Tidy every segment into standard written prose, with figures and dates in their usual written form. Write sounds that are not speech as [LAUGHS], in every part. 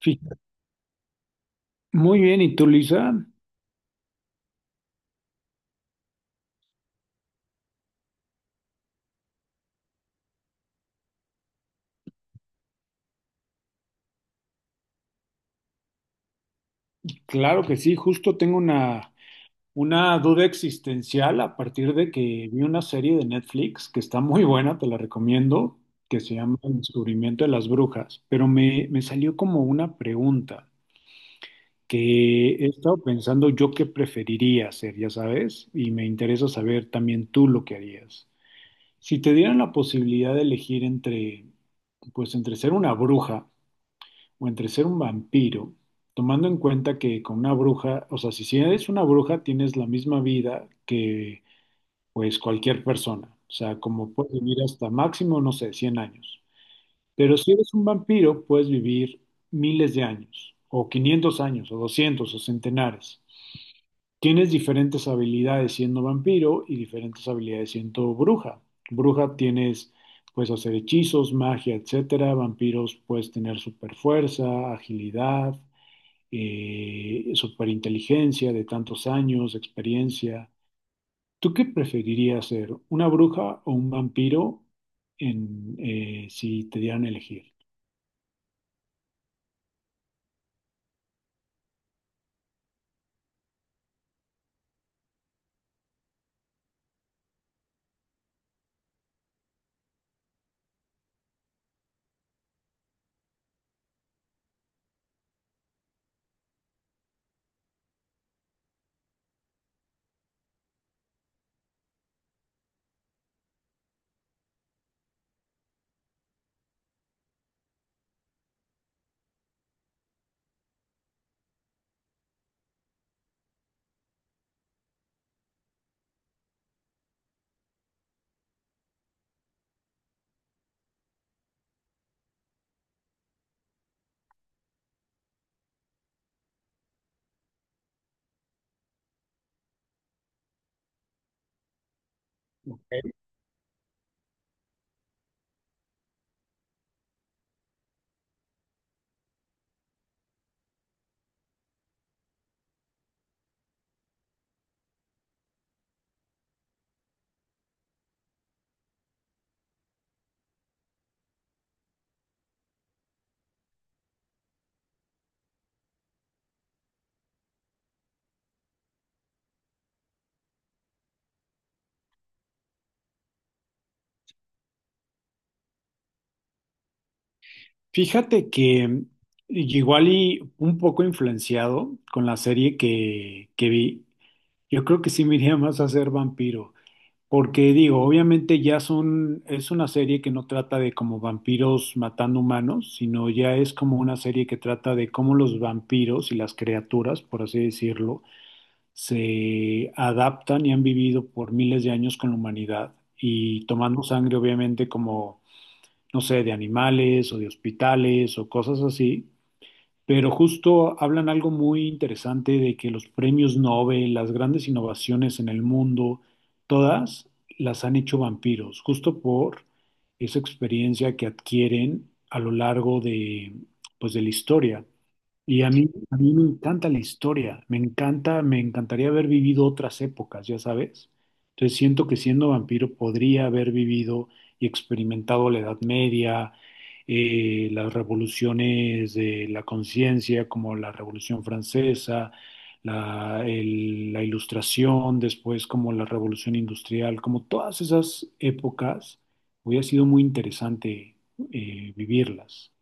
Sí. Muy bien, ¿y tú, Lisa? Claro que sí, justo tengo una duda existencial a partir de que vi una serie de Netflix que está muy buena, te la recomiendo, que se llama El descubrimiento de las brujas, pero me salió como una pregunta que he estado pensando yo qué preferiría hacer, ya sabes, y me interesa saber también tú lo que harías. Si te dieran la posibilidad de elegir entre, pues entre ser una bruja, o entre ser un vampiro, tomando en cuenta que con una bruja, o sea, si eres una bruja, tienes la misma vida que pues cualquier persona. O sea, como puedes vivir hasta máximo, no sé, 100 años. Pero si eres un vampiro, puedes vivir miles de años, o 500 años, o 200 o centenares. Tienes diferentes habilidades siendo vampiro y diferentes habilidades siendo bruja. Bruja tienes, puedes hacer hechizos, magia, etcétera. Vampiros puedes tener super fuerza, agilidad, superinteligencia de tantos años, experiencia. ¿Tú qué preferirías ser, una bruja o un vampiro si te dieran a elegir? Fíjate que igual y un poco influenciado con la serie que vi, yo creo que sí me iría más a ser vampiro. Porque digo, obviamente ya son, es una serie que no trata de como vampiros matando humanos, sino ya es como una serie que trata de cómo los vampiros y las criaturas, por así decirlo, se adaptan y han vivido por miles de años con la humanidad y tomando sangre obviamente como, no sé, de animales o de hospitales o cosas así, pero justo hablan algo muy interesante de que los premios Nobel, las grandes innovaciones en el mundo, todas las han hecho vampiros, justo por esa experiencia que adquieren a lo largo de, pues, de la historia. Y a mí me encanta la historia, me encanta, me encantaría haber vivido otras épocas, ya sabes. Entonces siento que siendo vampiro podría haber vivido y experimentado la Edad Media, las revoluciones de la conciencia, como la Revolución Francesa, la Ilustración, después como la Revolución Industrial, como todas esas épocas, hubiera sido muy interesante vivirlas.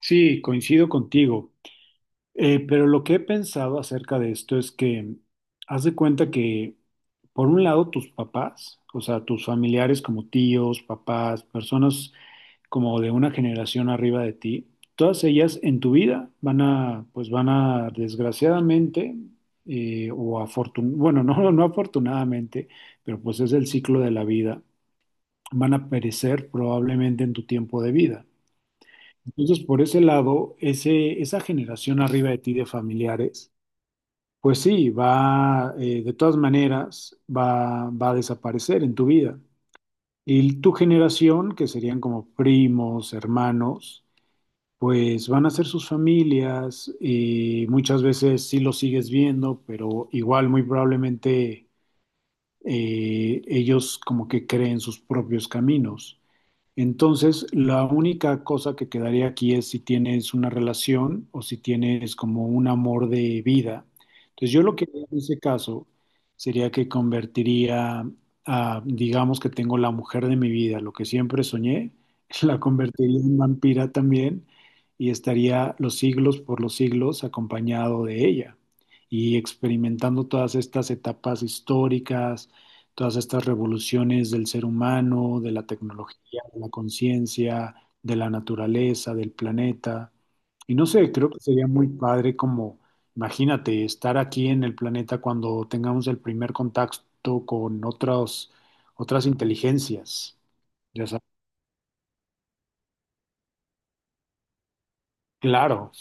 Sí, coincido contigo. Pero lo que he pensado acerca de esto es que haz de cuenta que, por un lado, tus papás, o sea, tus familiares como tíos, papás, personas como de una generación arriba de ti, todas ellas en tu vida van a, desgraciadamente, o afortun bueno, [LAUGHS] no, no afortunadamente, pero pues es el ciclo de la vida, van a perecer probablemente en tu tiempo de vida. Entonces, por ese lado, esa generación arriba de ti de familiares, pues sí, de todas maneras, va a desaparecer en tu vida. Y tu generación, que serían como primos, hermanos, pues van a ser sus familias y muchas veces sí los sigues viendo, pero igual muy probablemente ellos como que creen sus propios caminos. Entonces, la única cosa que quedaría aquí es si tienes una relación o si tienes como un amor de vida. Entonces, yo lo que haría en ese caso sería que convertiría digamos que tengo la mujer de mi vida, lo que siempre soñé, [LAUGHS] la convertiría en vampira también y estaría los siglos por los siglos acompañado de ella y experimentando todas estas etapas históricas, todas estas revoluciones del ser humano, de la tecnología, de la conciencia, de la naturaleza, del planeta. Y no sé, creo que sería muy padre como, imagínate, estar aquí en el planeta cuando tengamos el primer contacto con otras inteligencias. Ya sabes. Claro,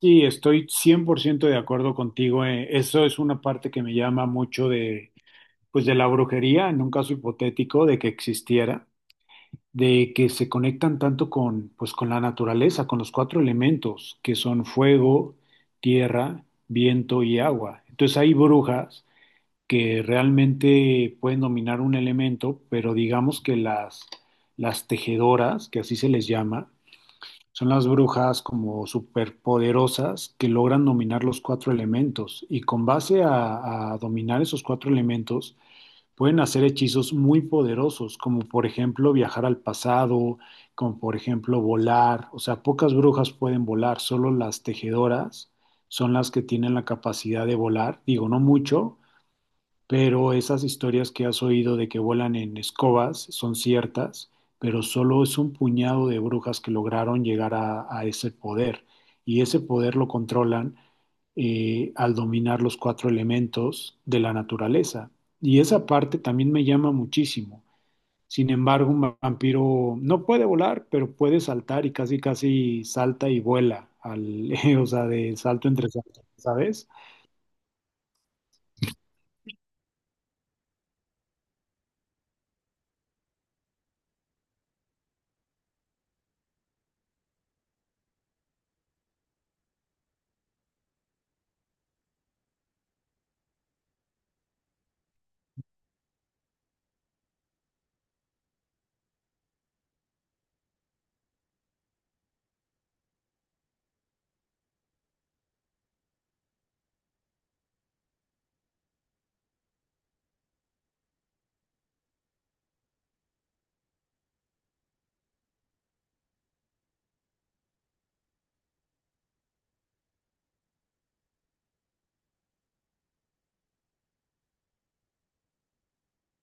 sí, estoy 100% de acuerdo contigo. Eso es una parte que me llama mucho pues de la brujería, en un caso hipotético de que existiera, de que se conectan tanto pues, con la naturaleza, con los cuatro elementos, que son fuego, tierra, viento y agua. Entonces hay brujas que realmente pueden dominar un elemento, pero digamos que las tejedoras, que así se les llama, son las brujas como superpoderosas que logran dominar los cuatro elementos. Y con base a dominar esos cuatro elementos, pueden hacer hechizos muy poderosos, como por ejemplo viajar al pasado, como por ejemplo volar. O sea, pocas brujas pueden volar, solo las tejedoras son las que tienen la capacidad de volar. Digo, no mucho, pero esas historias que has oído de que vuelan en escobas son ciertas, pero solo es un puñado de brujas que lograron llegar a ese poder y ese poder lo controlan, al dominar los cuatro elementos de la naturaleza. Y esa parte también me llama muchísimo. Sin embargo, un vampiro no puede volar, pero puede saltar y casi casi salta y vuela, al, [LAUGHS] o sea, de salto entre salto, ¿sabes?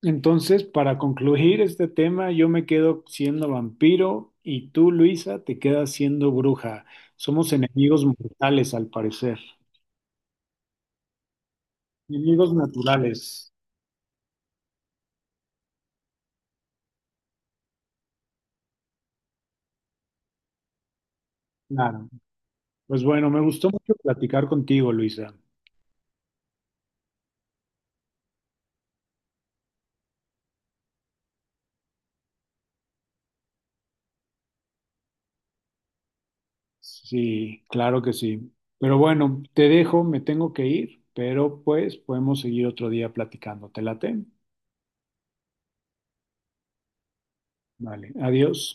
Entonces, para concluir este tema, yo me quedo siendo vampiro y tú, Luisa, te quedas siendo bruja. Somos enemigos mortales, al parecer. Enemigos naturales, claro. Pues bueno, me gustó mucho platicar contigo, Luisa. Sí, claro que sí. Pero bueno, te dejo, me tengo que ir, pero pues podemos seguir otro día platicando. ¿Te late? Vale, adiós.